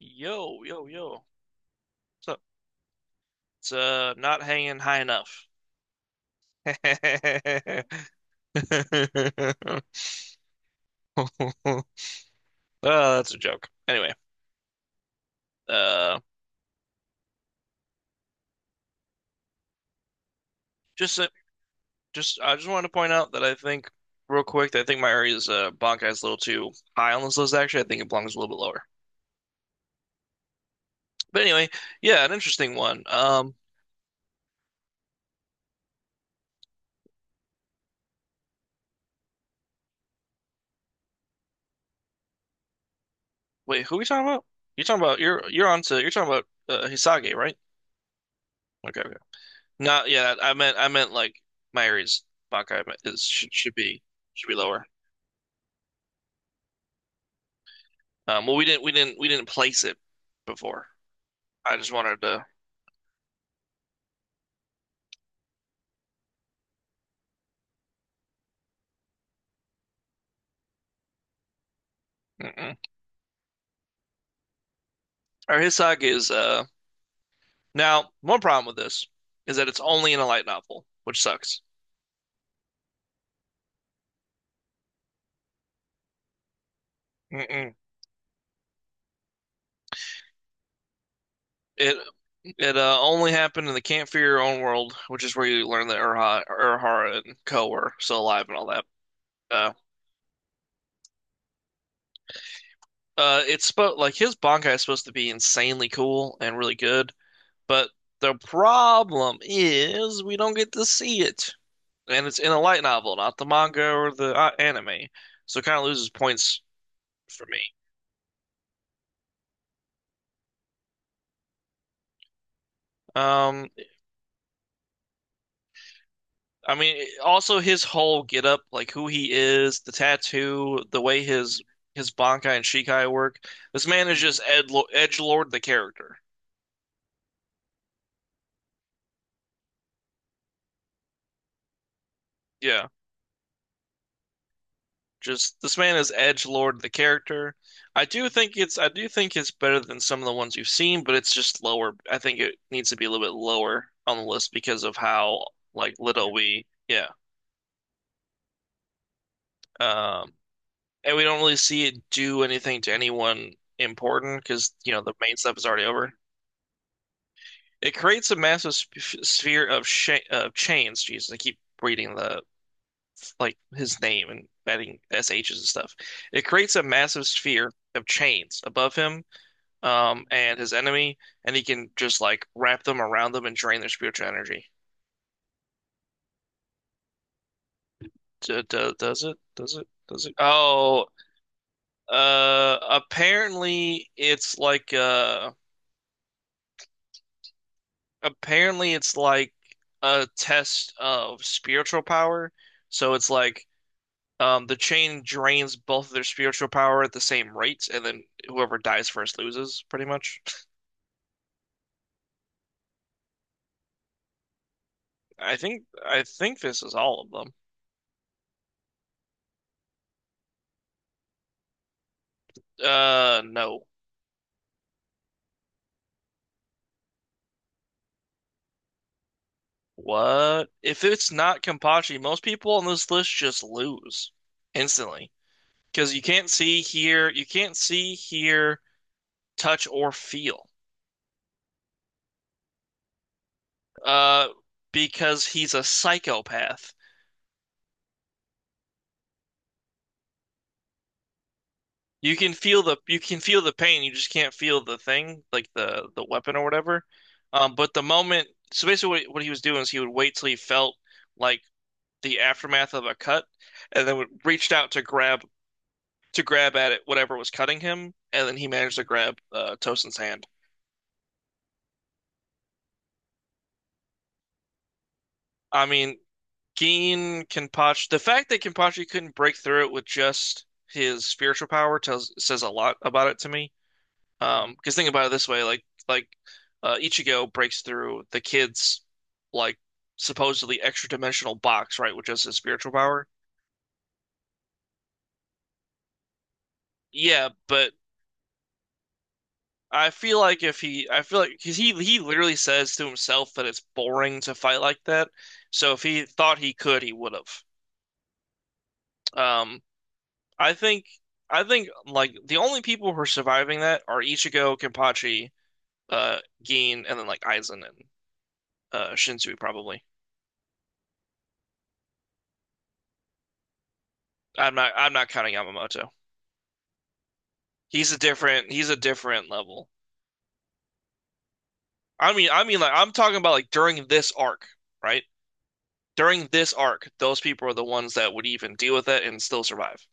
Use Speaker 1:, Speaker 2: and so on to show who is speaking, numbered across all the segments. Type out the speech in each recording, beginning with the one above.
Speaker 1: Yo, yo, yo. What's up? It's not hanging high enough. Oh, that's a joke. Anyway, uh just uh, just I just wanted to point out that I think real quick that I think my area is Bankai's a little too high on this list, actually. I think it belongs a little bit lower. But anyway, yeah, an interesting one. Wait, who are we talking about? You're talking about, Hisage, right? Okay, okay. Not, yeah, I meant, like Myri's Bankai is, should be lower. Well, we didn't place it before. I just wanted to. Mm-mm. Our Hisaki is, now one problem with this is that it's only in a light novel, which sucks. Mm-mm. It it only happened in the Can't Your Own World, which is where you learn that Urhara and Ko are still alive and all that. Uh, it's spo like his Bankai is supposed to be insanely cool and really good, but the problem is we don't get to see it, and it's in a light novel, not the manga or the anime. So it kind of loses points for me. Um, I mean, also his whole getup, like who he is, the tattoo, the way his Bankai and Shikai work. This man is just Ed edgelord the character. Yeah. Just this man is Edge Lord the character. I do think it's better than some of the ones you've seen, but it's just lower. I think it needs to be a little bit lower on the list because of how, like, little we, yeah. Um and we don't really see it do anything to anyone important, because, you know, the main stuff is already over. It creates a massive sp sphere of sh of chains. Jesus, I keep reading the, like, his name and adding SH's and stuff. It creates a massive sphere of chains above him, and his enemy, and he can just, like, wrap them around them and drain their spiritual energy. Does it? Oh, apparently it's like, apparently it's like a test of spiritual power. So it's like, the chain drains both of their spiritual power at the same rate, and then whoever dies first loses, pretty much. I think this is all of them. No. What? If it's not Kenpachi, most people on this list just lose instantly, because you can't see, hear, touch, or feel. Uh, because he's a psychopath. You can feel the pain, you just can't feel the thing, like the weapon or whatever. But the moment, so basically, what he was doing is he would wait till he felt, like, the aftermath of a cut, and then would reached out to grab at it, whatever was cutting him, and then he managed to grab Tosin's hand. I mean, Geen Kenpachi, the fact that Kenpachi couldn't break through it with just his spiritual power tells says a lot about it to me. Because think about it this way, like, Ichigo breaks through the kid's, like, supposedly extra dimensional box, right, with just his spiritual power. Yeah, but I feel like if he, I feel like because he literally says to himself that it's boring to fight like that. So if he thought he could, he would have. Um, I think like the only people who are surviving that are Ichigo, Kenpachi, Gin, and then like Aizen and Shinzui probably. I'm not counting Yamamoto. He's a different level. I mean like I'm talking about, like, during this arc, right? During this arc, those people are the ones that would even deal with it and still survive.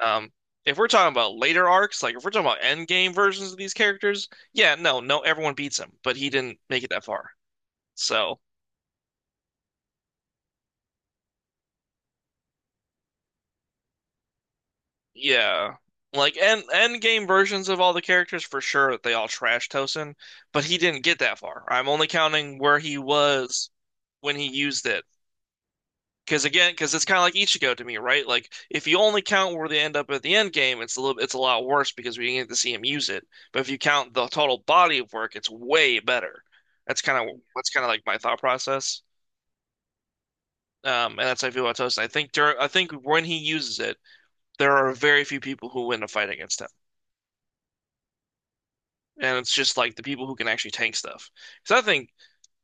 Speaker 1: Um, if we're talking about later arcs, like if we're talking about end game versions of these characters, yeah, no, no, everyone beats him, but he didn't make it that far. So, yeah, like end game versions of all the characters for sure they all trash Tosin, but he didn't get that far. I'm only counting where he was when he used it. Because, again, because it's kind of like Ichigo to me, right? Like if you only count where they end up at the end game, it's a little, it's a lot worse because we didn't get to see him use it. But if you count the total body of work, it's way better. That's kind of like my thought process, and that's how I feel about Tosin. I think when he uses it, there are very few people who win a fight against him, and it's just, like, the people who can actually tank stuff. Because I think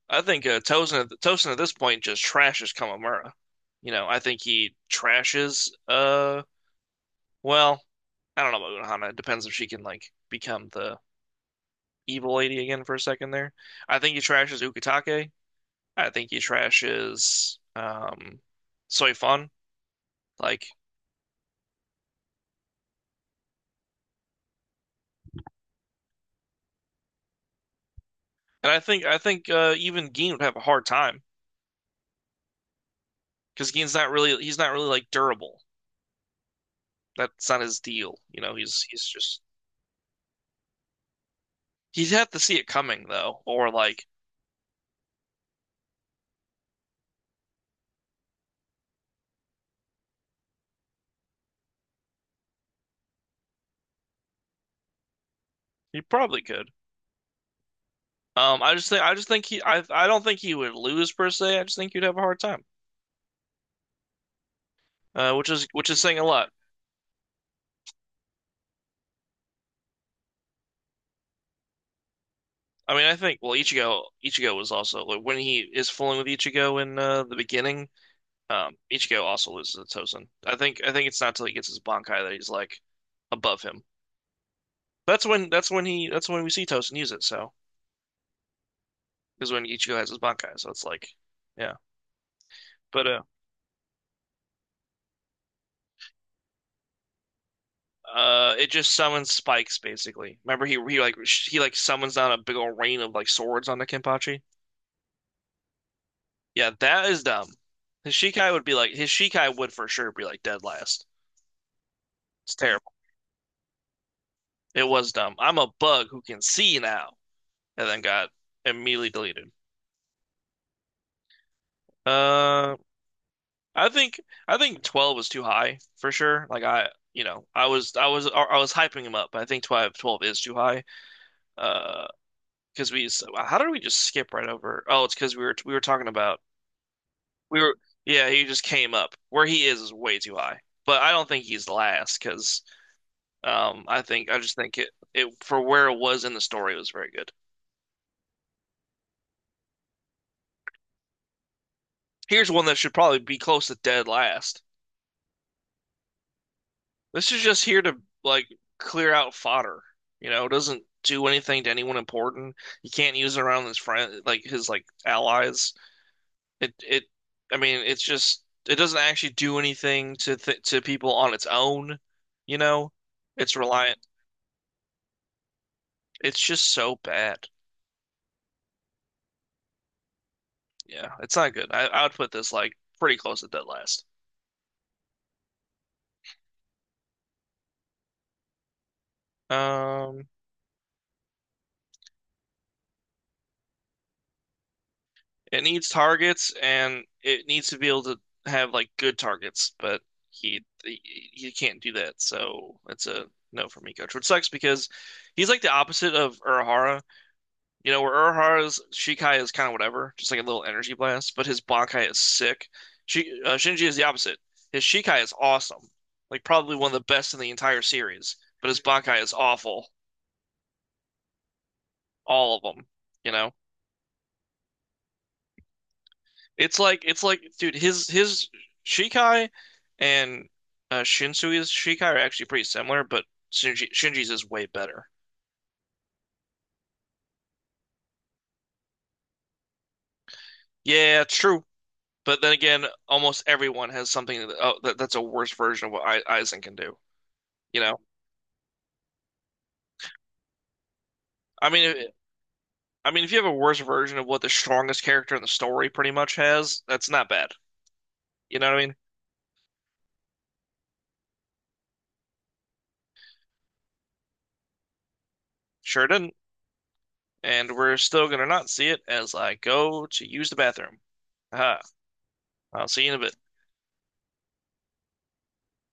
Speaker 1: I think uh, Tosin at this point just trashes Kamamura. You know, I think he trashes Well, I don't know about Unohana. It depends if she can, like, become the evil lady again for a second there. I think he trashes Ukitake. I think he trashes Soifun. Like, and I think even Gin would have a hard time because Gin's not really he's not really, like, durable. That's not his deal. You know, he's just, he'd have to see it coming though, or like he probably could. I just think he I don't think he would lose per se. I just think he'd have a hard time, which is, which is saying a lot. I mean, I think, well, Ichigo was also, like, when he is fooling with Ichigo in, the beginning. Ichigo also loses to Tozen. I think it's not till he gets his Bankai that he's, like, above him. That's when we see Tozen use it. So is when Ichigo has his Bankai. So it's like, yeah. But It just summons spikes, basically. Remember, he like summons down a big old rain of, like, swords on the Kenpachi. Yeah, that is dumb. His Shikai would for sure be like dead last. It's terrible. It was dumb. I'm a bug who can see now, and then got immediately deleted. Uh, I think 12 was too high for sure. Like, I, you know, I was I was I was hyping him up, but I think twelve is too high. Uh, because we so how did we just skip right over? Oh, it's because we were talking about, we were yeah, he just came up where he is way too high. But I don't think he's last because I think I just think it, for where it was in the story, it was very good. Here's one that should probably be close to dead last. This is just here to, like, clear out fodder. You know, it doesn't do anything to anyone important. You can't use it around his friend, like his, like, allies. It it, I mean, it's just, it doesn't actually do anything to th to people on its own. You know, it's reliant. It's just so bad. Yeah, it's not good. I would put this, like, pretty close to dead last. Um, It needs targets and it needs to be able to have, like, good targets, but he he, he can't do that. So it's a no for me, coach. Which sucks because he's, like, the opposite of Urahara. You know, where Urahara's Shikai is kind of whatever, just like a little energy blast, but his Bankai is sick. Shinji is the opposite. His Shikai is awesome, like probably one of the best in the entire series, but his Bankai is awful, all of them, you know? It's like, dude, his Shikai and Shinsuke's Shikai are actually pretty similar, but Shinji's is way better. Yeah, true. But then again, almost everyone has something that, oh, that's a worse version of what Aizen can do. You know, I mean, if you have a worse version of what the strongest character in the story pretty much has, that's not bad. You know what I mean? Sure didn't. And we're still gonna not see it as I go to use the bathroom. Aha. I'll see you in a bit.